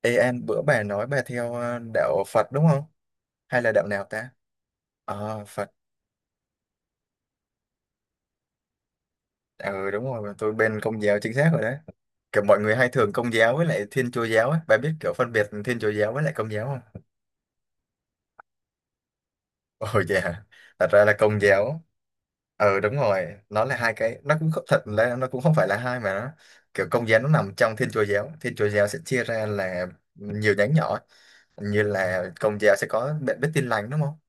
Ê An, bữa bà nói bà theo đạo Phật đúng không? Hay là đạo nào ta? Ờ, Phật. Ừ đúng rồi, tôi bên Công giáo chính xác rồi đấy. Kiểu mọi người hay thường Công giáo với lại Thiên Chúa giáo ấy. Bà biết kiểu phân biệt Thiên Chúa giáo với lại Công giáo không? Ồ dạ, thật ra là Công giáo. Ừ đúng rồi, nó là hai cái, nó cũng không, thật là nó cũng không phải là hai mà nó kiểu Công giáo nó nằm trong Thiên Chúa giáo. Thiên Chúa giáo sẽ chia ra là nhiều nhánh nhỏ, ấy. Như là Công giáo sẽ có. Bạn biết Tin lành đúng không?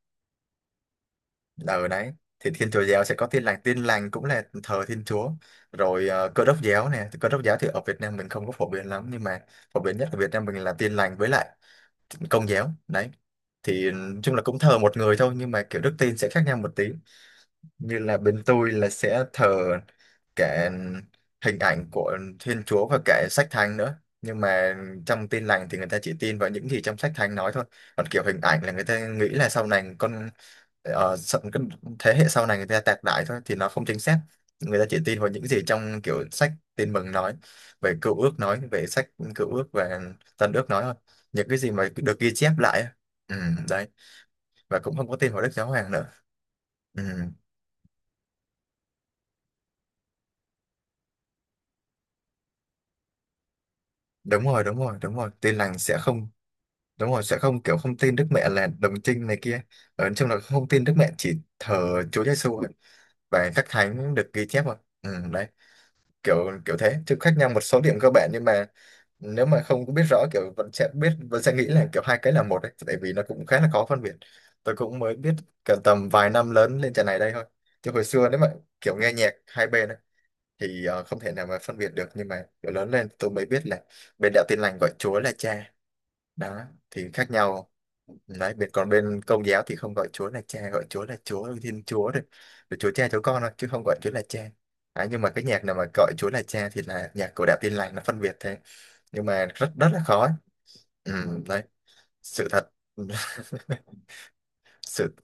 Ở đấy. Thì Thiên Chúa giáo sẽ có Tin lành. Tin lành cũng là thờ Thiên Chúa, rồi Cơ đốc giáo nè. Cơ đốc giáo thì ở Việt Nam mình không có phổ biến lắm, nhưng mà phổ biến nhất ở Việt Nam mình là Tin lành với lại Công giáo đấy. Thì nói chung là cũng thờ một người thôi, nhưng mà kiểu đức tin sẽ khác nhau một tí. Như là bên tôi là sẽ thờ cả hình ảnh của Thiên Chúa và cả sách thánh nữa, nhưng mà trong tin lành thì người ta chỉ tin vào những gì trong sách thánh nói thôi. Còn kiểu hình ảnh là người ta nghĩ là sau này cái thế hệ sau này người ta tạc đại thôi thì nó không chính xác. Người ta chỉ tin vào những gì trong kiểu sách tin mừng nói về sách cựu ước và tân ước nói thôi, những cái gì mà được ghi chép lại á. Ừ, đấy, và cũng không có tin vào Đức Giáo Hoàng nữa. Ừ. Đúng rồi, đúng rồi, đúng rồi, tin lành sẽ không. Đúng rồi, sẽ không kiểu không tin Đức Mẹ là đồng trinh này kia, ở trong là không tin Đức Mẹ, chỉ thờ Chúa Giêsu thôi. Và các thánh được ghi chép rồi. Ừ, đấy, kiểu kiểu thế, chứ khác nhau một số điểm cơ bản, nhưng mà nếu mà không có biết rõ kiểu vẫn sẽ nghĩ là kiểu hai cái là một đấy, tại vì nó cũng khá là khó phân biệt. Tôi cũng mới biết cả tầm vài năm lớn lên trận này đây thôi, chứ hồi xưa nếu mà kiểu nghe nhạc hai bên ấy, thì không thể nào mà phân biệt được. Nhưng mà kiểu lớn lên tôi mới biết là bên đạo tin lành gọi Chúa là cha. Đó thì khác nhau đấy. Bên còn bên công giáo thì không gọi Chúa là cha, gọi Chúa là Chúa Thiên Chúa thôi, rồi Chúa cha Chúa con thôi, chứ không gọi Chúa là cha. Đấy, nhưng mà cái nhạc nào mà gọi Chúa là cha thì là nhạc của đạo Tin lành, nó phân biệt thế, nhưng mà rất rất là khó ấy. Ừ, đấy, sự thật. sự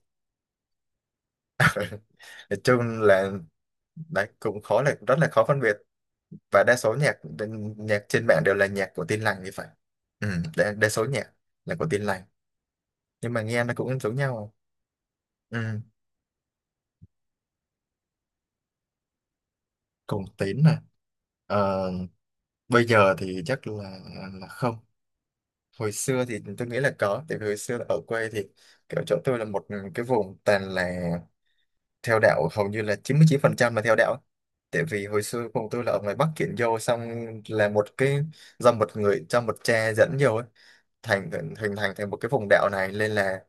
nói chung là đấy cũng khó, là rất là khó phân biệt. Và đa số nhạc nhạc trên mạng đều là nhạc của Tin lành thì phải. Ừ, đa số nhạc là của Tin lành, nhưng mà nghe nó cũng giống nhau. Ừ. Cùng tín này. Ờ, bây giờ thì chắc là không. Hồi xưa thì tôi nghĩ là có, tại vì hồi xưa là ở quê thì kiểu chỗ tôi là một cái vùng toàn là theo đạo, hầu như là chín chín mươi chín phần trăm là theo đạo. Tại vì hồi xưa vùng tôi là ở ngoài Bắc chuyển vô, xong là một cái do một người cho một cha dẫn vô ấy, thành hình thành thành một cái vùng đạo này, nên là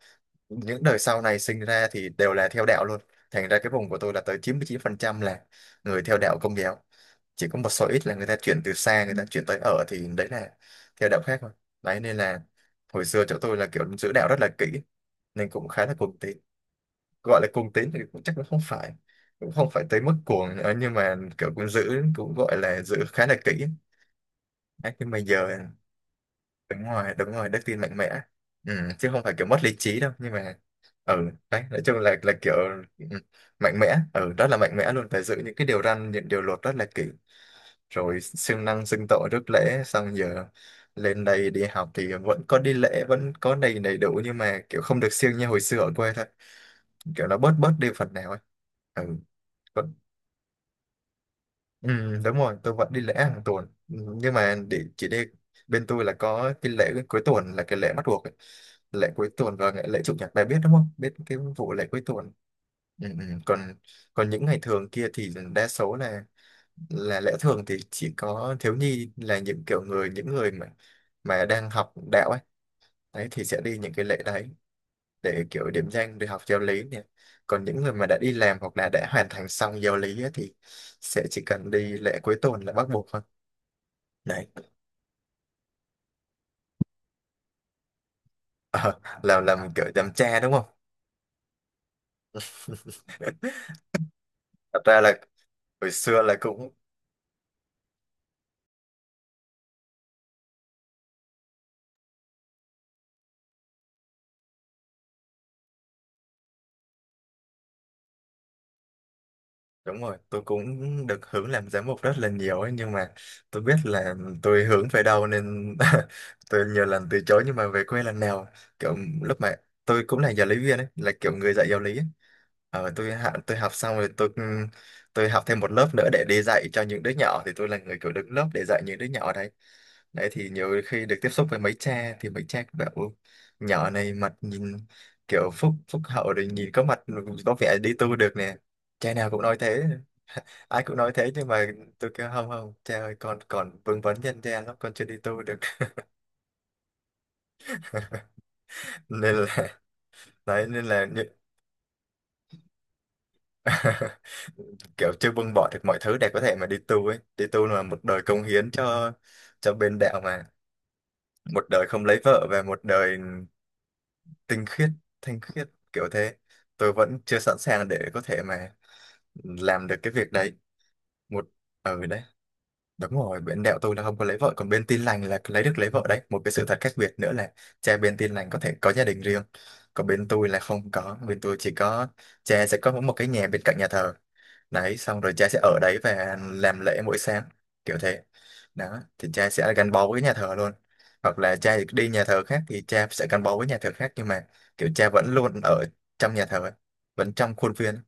những đời sau này sinh ra thì đều là theo đạo luôn. Thành ra cái vùng của tôi là tới chín chín mươi chín phần trăm là người theo đạo Công giáo. Chỉ có một số ít là người ta chuyển tới ở, thì đấy là theo đạo khác thôi. Đấy nên là hồi xưa chỗ tôi là kiểu giữ đạo rất là kỹ, nên cũng khá là cuồng tín. Gọi là cuồng tín thì cũng chắc là không phải, cũng không phải tới mức cuồng nữa, nhưng mà kiểu cũng gọi là giữ khá là kỹ. Đấy, nhưng mà giờ đúng rồi, đúng rồi, đức tin mạnh mẽ. Ừ, chứ không phải kiểu mất lý trí đâu, nhưng mà ừ đấy, nói chung là kiểu ừ, mạnh mẽ, rất là mạnh mẽ luôn, phải giữ những cái điều răn, những điều luật rất là kỹ, rồi siêng năng xưng tội rước lễ. Xong giờ lên đây đi học thì vẫn có đi lễ, vẫn có đầy đầy đủ, nhưng mà kiểu không được siêng như hồi xưa ở quê thôi, kiểu nó bớt bớt đi phần nào ấy. Ừ. Ừ, đúng rồi, tôi vẫn đi lễ hàng tuần. Ừ, nhưng mà để chỉ đi, bên tôi là có cái lễ cuối tuần là cái lễ bắt buộc ấy. Lễ cuối tuần và lễ chủ nhật, bà biết đúng không, biết cái vụ lễ cuối tuần. Ừ, ừ. còn còn những ngày thường kia thì đa số là lễ thường, thì chỉ có thiếu nhi là những kiểu người, những người mà đang học đạo ấy, đấy thì sẽ đi những cái lễ đấy, để kiểu điểm danh, để học giáo lý nè. Còn những người mà đã đi làm hoặc là đã hoàn thành xong giáo lý ấy, thì sẽ chỉ cần đi lễ cuối tuần là bắt buộc thôi. Đấy, làm kiểu làm cha đúng không? Thật ra là hồi xưa là cũng, đúng rồi, tôi cũng được hưởng làm giám mục rất là nhiều ấy, nhưng mà tôi biết là tôi hướng về đâu nên tôi nhiều lần từ chối, nhưng mà về quê lần nào, kiểu lúc mà tôi cũng là giáo lý viên ấy, là kiểu người dạy giáo lý ấy. Ờ, tôi học xong rồi tôi học thêm một lớp nữa để đi dạy cho những đứa nhỏ, thì tôi là người kiểu đứng lớp để dạy những đứa nhỏ đấy. Đấy thì nhiều khi được tiếp xúc với mấy cha thì mấy cha cũng bảo "Ôi, nhỏ này mặt nhìn kiểu phúc phúc hậu, rồi nhìn có mặt có vẻ đi tu được nè." Cha nào cũng nói thế, ai cũng nói thế, nhưng mà tôi kêu không, không cha ơi, con còn vương vấn nhân gian lắm, con chưa đi tu được. Nên là đấy nên là kiểu chưa buông bỏ được mọi thứ để có thể mà đi tu ấy. Đi tu là một đời cống hiến cho bên đạo mà, một đời không lấy vợ, và một đời tinh khiết thanh khiết kiểu thế. Tôi vẫn chưa sẵn sàng để có thể mà làm được cái việc đấy, một ừ, đấy. Đúng rồi, bên đẹo tôi là không có lấy vợ, còn bên tin lành là lấy vợ đấy. Một cái sự thật khác biệt nữa là cha bên tin lành có thể có gia đình riêng, còn bên tôi là không có. Bên tôi chỉ có cha sẽ có một cái nhà bên cạnh nhà thờ. Đấy, xong rồi cha sẽ ở đấy và làm lễ mỗi sáng, kiểu thế. Đó, thì cha sẽ gắn bó với nhà thờ luôn. Hoặc là cha đi nhà thờ khác thì cha sẽ gắn bó với nhà thờ khác, nhưng mà kiểu cha vẫn luôn ở trong nhà thờ, vẫn trong khuôn viên,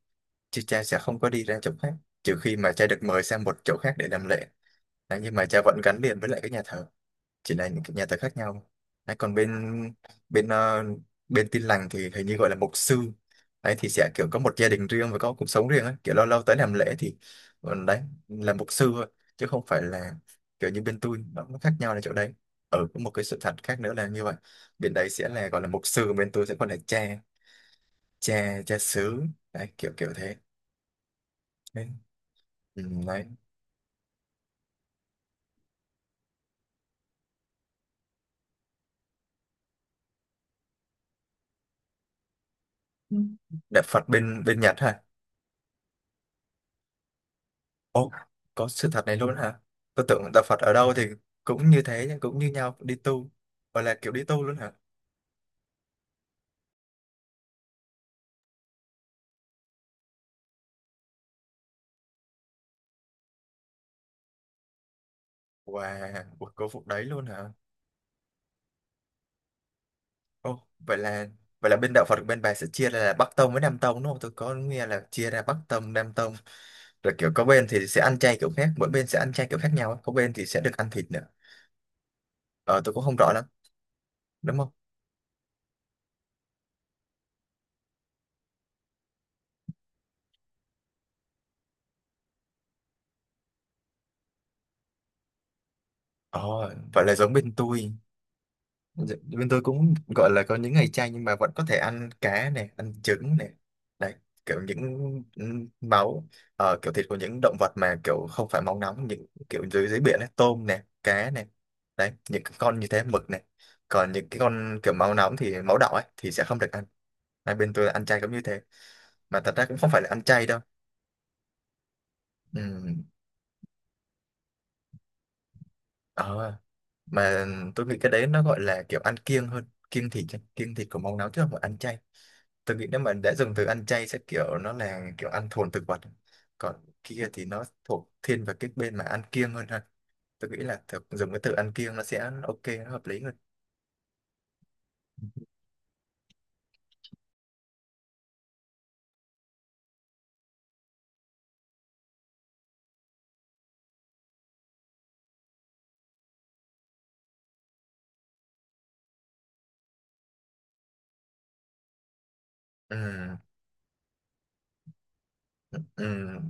chứ cha sẽ không có đi ra chỗ khác, trừ khi mà cha được mời sang một chỗ khác để làm lễ. Đấy, nhưng mà cha vẫn gắn liền với lại cái nhà thờ, chỉ là những cái nhà thờ khác nhau. Đấy, còn bên bên ờ, bên Tin lành thì hình như gọi là mục sư. Đấy thì sẽ kiểu có một gia đình riêng và có cuộc sống riêng ấy, kiểu lâu lâu tới làm lễ thì đấy là mục sư thôi, chứ không phải là kiểu như bên tôi. Nó khác nhau là chỗ đấy. Có một cái sự thật khác nữa là như vậy, bên đấy sẽ là gọi là mục sư, bên tôi sẽ gọi là cha, cha xứ. Đấy, kiểu kiểu thế. Ừ, đấy. Ừ. Đạo Phật bên bên Nhật hả? Ồ, có sự thật này luôn hả? Tôi tưởng đạo Phật ở đâu thì cũng như thế, nhưng cũng như nhau đi tu. Gọi là kiểu đi tu luôn hả? Wow, cuộc cố phục đấy luôn hả? Ồ, vậy là bên đạo Phật bên bà sẽ chia ra là Bắc tông với Nam tông, đúng không? Tôi có nghe là chia ra Bắc tông, Nam tông, rồi kiểu có bên thì sẽ ăn chay kiểu khác, mỗi bên sẽ ăn chay kiểu khác nhau, có bên thì sẽ được ăn thịt nữa. Ờ tôi cũng không rõ lắm, đúng không? Ồ, vậy là giống bên tôi. Dạ, bên tôi cũng gọi là có những ngày chay nhưng mà vẫn có thể ăn cá này, ăn trứng này, đấy, kiểu những máu, kiểu thịt của những động vật mà kiểu không phải máu nóng, những kiểu dưới dưới biển ấy, tôm này, cá này, đấy, những cái con như thế, mực này, còn những cái con kiểu máu nóng thì máu đỏ ấy thì sẽ không được ăn. Hai bên tôi ăn chay cũng như thế, mà thật ra cũng không phải là ăn chay đâu. Ừm, ờ, mà tôi nghĩ cái đấy nó gọi là kiểu ăn kiêng hơn, kiêng thịt. Kiêng thịt của máu nóng, chứ không phải ăn chay. Tôi nghĩ nếu mà đã dùng từ ăn chay sẽ kiểu nó là kiểu ăn thuần thực vật, còn kia thì nó thuộc thiên về cái bên mà ăn kiêng hơn ha. Tôi nghĩ là thực dùng cái từ ăn kiêng nó sẽ ok, nó hợp lý hơn. Ừ, ừ.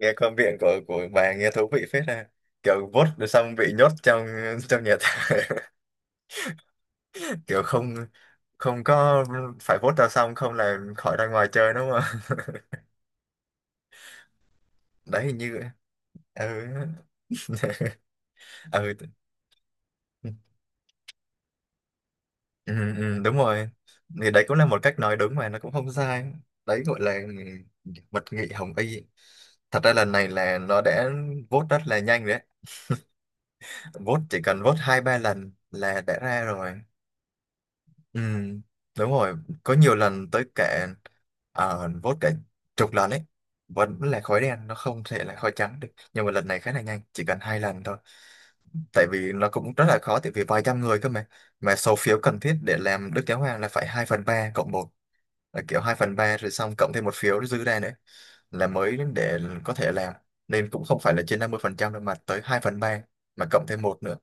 Nghe quan điểm của bà nghe thú vị phết ha, kiểu vote rồi xong bị nhốt trong trong nhà tù. Kiểu không không có phải vote ra, xong không là khỏi ra ngoài chơi, đúng không? Đấy hình như, ừ, ừ. Ừ, ừ, đúng rồi, thì đấy cũng là một cách nói đúng mà nó cũng không sai. Đấy gọi là mật nghị hồng y. Thật ra lần này là nó đã vote rất là nhanh đấy, vote chỉ cần vote hai ba lần là đã ra rồi. Ừ, đúng rồi, có nhiều lần tới cả vote cả chục lần ấy, vẫn là khói đen, nó không thể là khói trắng được, nhưng mà lần này khá là nhanh, chỉ cần hai lần thôi. Tại vì nó cũng rất là khó, tại vì vài trăm người cơ mà. Mà số phiếu cần thiết để làm Đức Giáo Hoàng là phải 2/3 cộng 1, là kiểu 2/3 rồi xong cộng thêm một phiếu dư ra nữa là mới để có thể làm. Nên cũng không phải là trên 50% đâu mà tới 2/3, mà cộng thêm một nữa,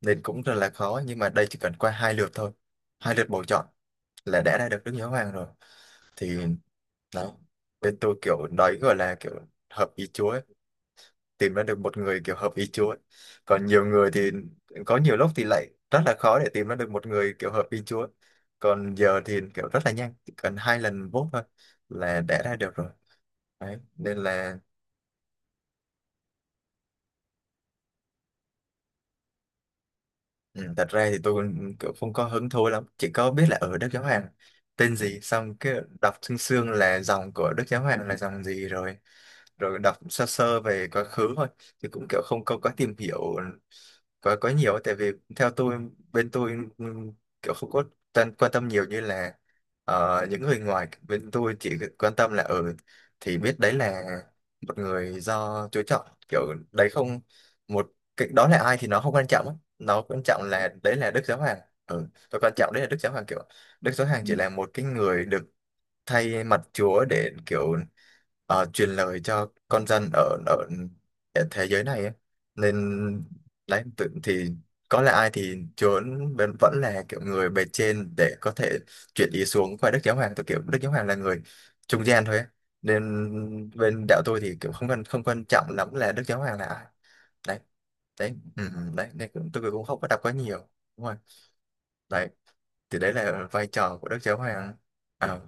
nên cũng rất là khó. Nhưng mà đây chỉ cần qua hai lượt thôi, hai lượt bầu chọn là đã ra được Đức Giáo Hoàng rồi, thì đó. Bên tôi kiểu đấy gọi là kiểu hợp ý Chúa, tìm ra được một người kiểu hợp ý Chúa ấy. Còn nhiều người thì có nhiều lúc thì lại rất là khó để tìm ra được một người kiểu hợp ý Chúa. Còn giờ thì kiểu rất là nhanh, chỉ cần hai lần vote thôi là đã ra được rồi, đấy nên là ừ, thật ra thì tôi cũng kiểu không có hứng thú lắm, chỉ có biết là ở Đức Giáo Hoàng tên gì, xong cái đọc xương xương là dòng của Đức Giáo Hoàng là dòng gì rồi, rồi đọc sơ sơ về quá khứ thôi, thì cũng kiểu không có quá tìm hiểu quá quá nhiều ấy. Tại vì theo tôi, bên tôi ừm, kiểu không có quan tâm nhiều như là những người ngoài. Bên tôi chỉ quan tâm là ở thì biết đấy là một người do Chúa chọn, kiểu đấy, không một cái đó là ai thì nó không quan trọng á. Nó quan trọng là đấy là Đức Giáo Hoàng, ừ, và quan trọng đấy là Đức Giáo Hoàng kiểu Đức Giáo Hoàng chỉ là một cái người được thay mặt Chúa để kiểu truyền lời cho con dân ở ở ở thế giới này ấy. Nên đấy tự thì có là ai thì Chúa vẫn vẫn là kiểu người bề trên để có thể chuyển ý xuống qua Đức Giáo Hoàng, tôi kiểu Đức Giáo Hoàng là người trung gian thôi ấy. Nên bên đạo tôi thì kiểu không quan trọng lắm là Đức Giáo Hoàng là ai, đấy. Đấy, ừ, ừ, đấy nên tôi cũng không có đọc quá nhiều, đúng rồi. Đấy thì đấy là vai trò của Đức Giáo Hoàng à.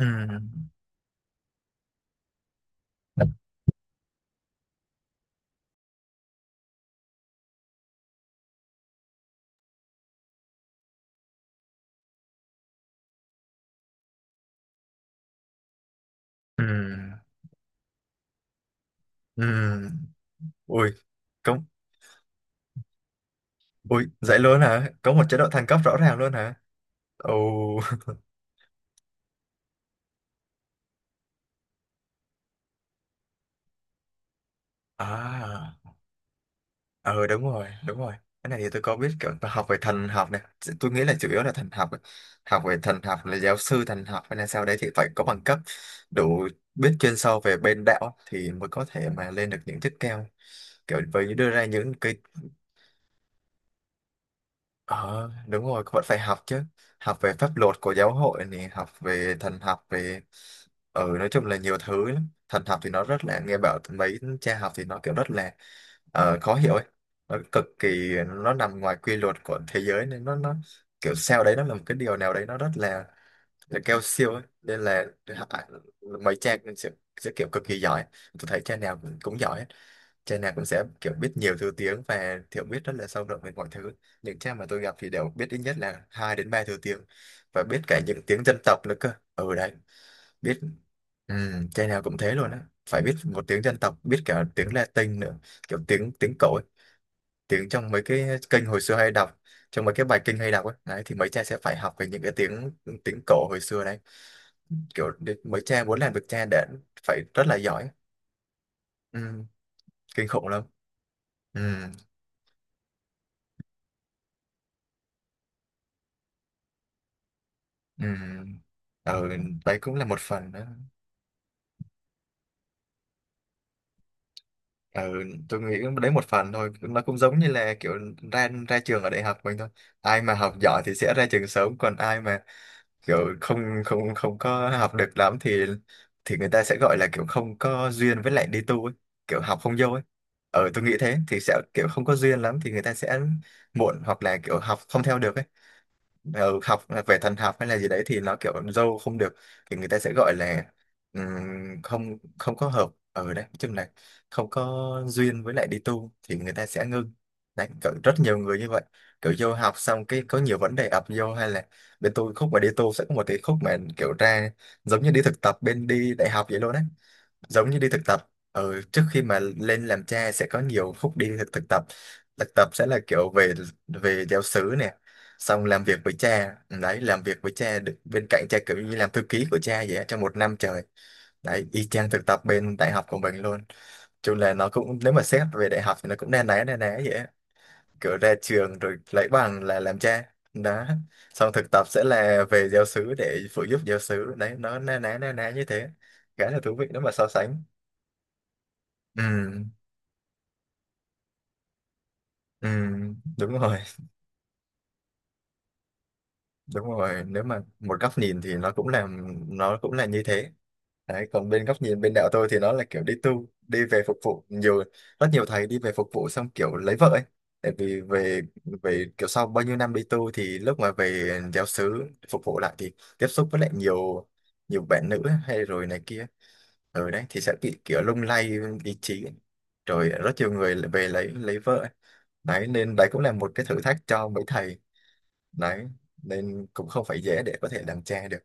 Ừ. Ừ. Ừ. Ui, có ui, dậy luôn hả? Có một chế độ thăng cấp rõ ràng luôn hả? Ồ. À. Ừ, đúng rồi, đúng rồi. Cái này thì tôi có biết, kiểu tôi học về thần học này. Tôi nghĩ là chủ yếu là thần học. Học về thần học là giáo sư thần học hay là sao đấy thì phải có bằng cấp đủ, biết chuyên sâu về bên đạo thì mới có thể mà lên được những chức cao. Kiểu với đưa ra những cái. Ờ, đúng rồi, vẫn phải học chứ. Học về pháp luật của giáo hội này, học về thần học, về. Ừ, nói chung là nhiều thứ lắm. Thần học thì nó rất là, nghe bảo mấy cha học thì nó kiểu rất là khó hiểu ấy. Nó cực kỳ, nó nằm ngoài quy luật của thế giới nên nó kiểu sao đấy, nó là một cái điều nào đấy nó rất là cao siêu ấy. Nên là à, mấy cha sẽ kiểu cực kỳ giỏi. Tôi thấy cha nào cũng giỏi ấy, cha nào cũng sẽ kiểu biết nhiều thứ tiếng và hiểu biết rất là sâu rộng về mọi thứ. Những cha mà tôi gặp thì đều biết ít nhất là hai đến ba thứ tiếng và biết cả những tiếng dân tộc nữa cơ. Ừ đấy, biết ừ, trai nào cũng thế luôn á. Phải biết một tiếng dân tộc, biết cả tiếng Latin nữa, kiểu tiếng tiếng cổ, ấy, tiếng trong mấy cái kênh hồi xưa hay đọc, trong mấy cái bài kinh hay đọc ấy. Đấy thì mấy cha sẽ phải học về những cái tiếng tiếng cổ hồi xưa đấy. Kiểu mấy cha muốn làm được cha đã phải rất là giỏi. Ừ, kinh khủng lắm. Ừ. Ừ. Ừ, đấy cũng là một phần đó. Ừ, tôi nghĩ đấy một phần thôi, nó cũng giống như là kiểu ra ra trường ở đại học mình thôi. Ai mà học giỏi thì sẽ ra trường sớm, còn ai mà kiểu không không không có học được lắm thì người ta sẽ gọi là kiểu không có duyên với lại đi tu ấy, kiểu học không vô ấy. Ừ, tôi nghĩ thế thì sẽ kiểu không có duyên lắm thì người ta sẽ muộn, hoặc là kiểu học không theo được ấy. Ừ, học về thần học hay là gì đấy thì nó kiểu dâu không được thì người ta sẽ gọi là không không có hợp ở đấy, chung là không có duyên với lại đi tu thì người ta sẽ ngưng. Đấy kiểu rất nhiều người như vậy, kiểu vô học xong cái có nhiều vấn đề ập vô hay là bên tôi khúc mà đi tu sẽ có một cái khúc mà kiểu ra giống như đi thực tập bên đi đại học vậy luôn đấy. Giống như đi thực tập, ừ, trước khi mà lên làm cha sẽ có nhiều khúc đi thực tập. Thực tập sẽ là kiểu về về giáo xứ nè, xong làm việc với cha đấy, làm việc với cha được bên cạnh cha, kiểu như làm thư ký của cha vậy á, trong một năm trời. Đấy y chang thực tập bên đại học của mình luôn, chung là nó cũng, nếu mà xét về đại học thì nó cũng na ná vậy á. Kiểu ra trường rồi lấy bằng là làm cha đó, xong thực tập sẽ là về giáo xứ để phụ giúp giáo xứ, đấy nó na ná như thế, khá là thú vị nếu mà so sánh. Ừ ừ, đúng rồi, đúng rồi, nếu mà một góc nhìn thì nó cũng là như thế. Đấy còn bên góc nhìn bên đạo tôi thì nó là kiểu đi tu đi về phục vụ nhiều, rất nhiều thầy đi về phục vụ xong kiểu lấy vợ ấy. Tại vì về về kiểu sau bao nhiêu năm đi tu thì lúc mà về giáo xứ phục vụ lại thì tiếp xúc với lại nhiều nhiều bạn nữ hay rồi này kia, ở đấy thì sẽ bị kiểu lung lay ý chí, rồi rất nhiều người lại về lấy vợ. Đấy nên đấy cũng là một cái thử thách cho mấy thầy. Đấy nên cũng không phải dễ để có thể làm cha được,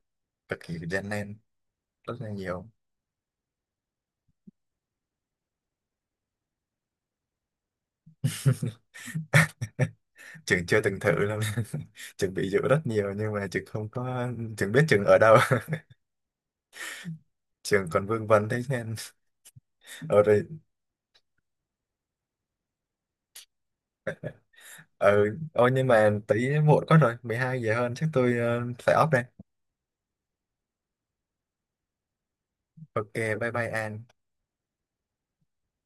cực kỳ gian nan, rất là nhiều. Trường chưa từng thử lắm. Trường bị dụ rất nhiều nhưng mà trường không có, trường biết trường ở đâu. Trường còn vương vấn thế nên ờ rồi, ờ, ôi nhưng mà tí muộn quá rồi, 12 giờ hơn, chắc tôi phải off đây. Ok, bye bye An.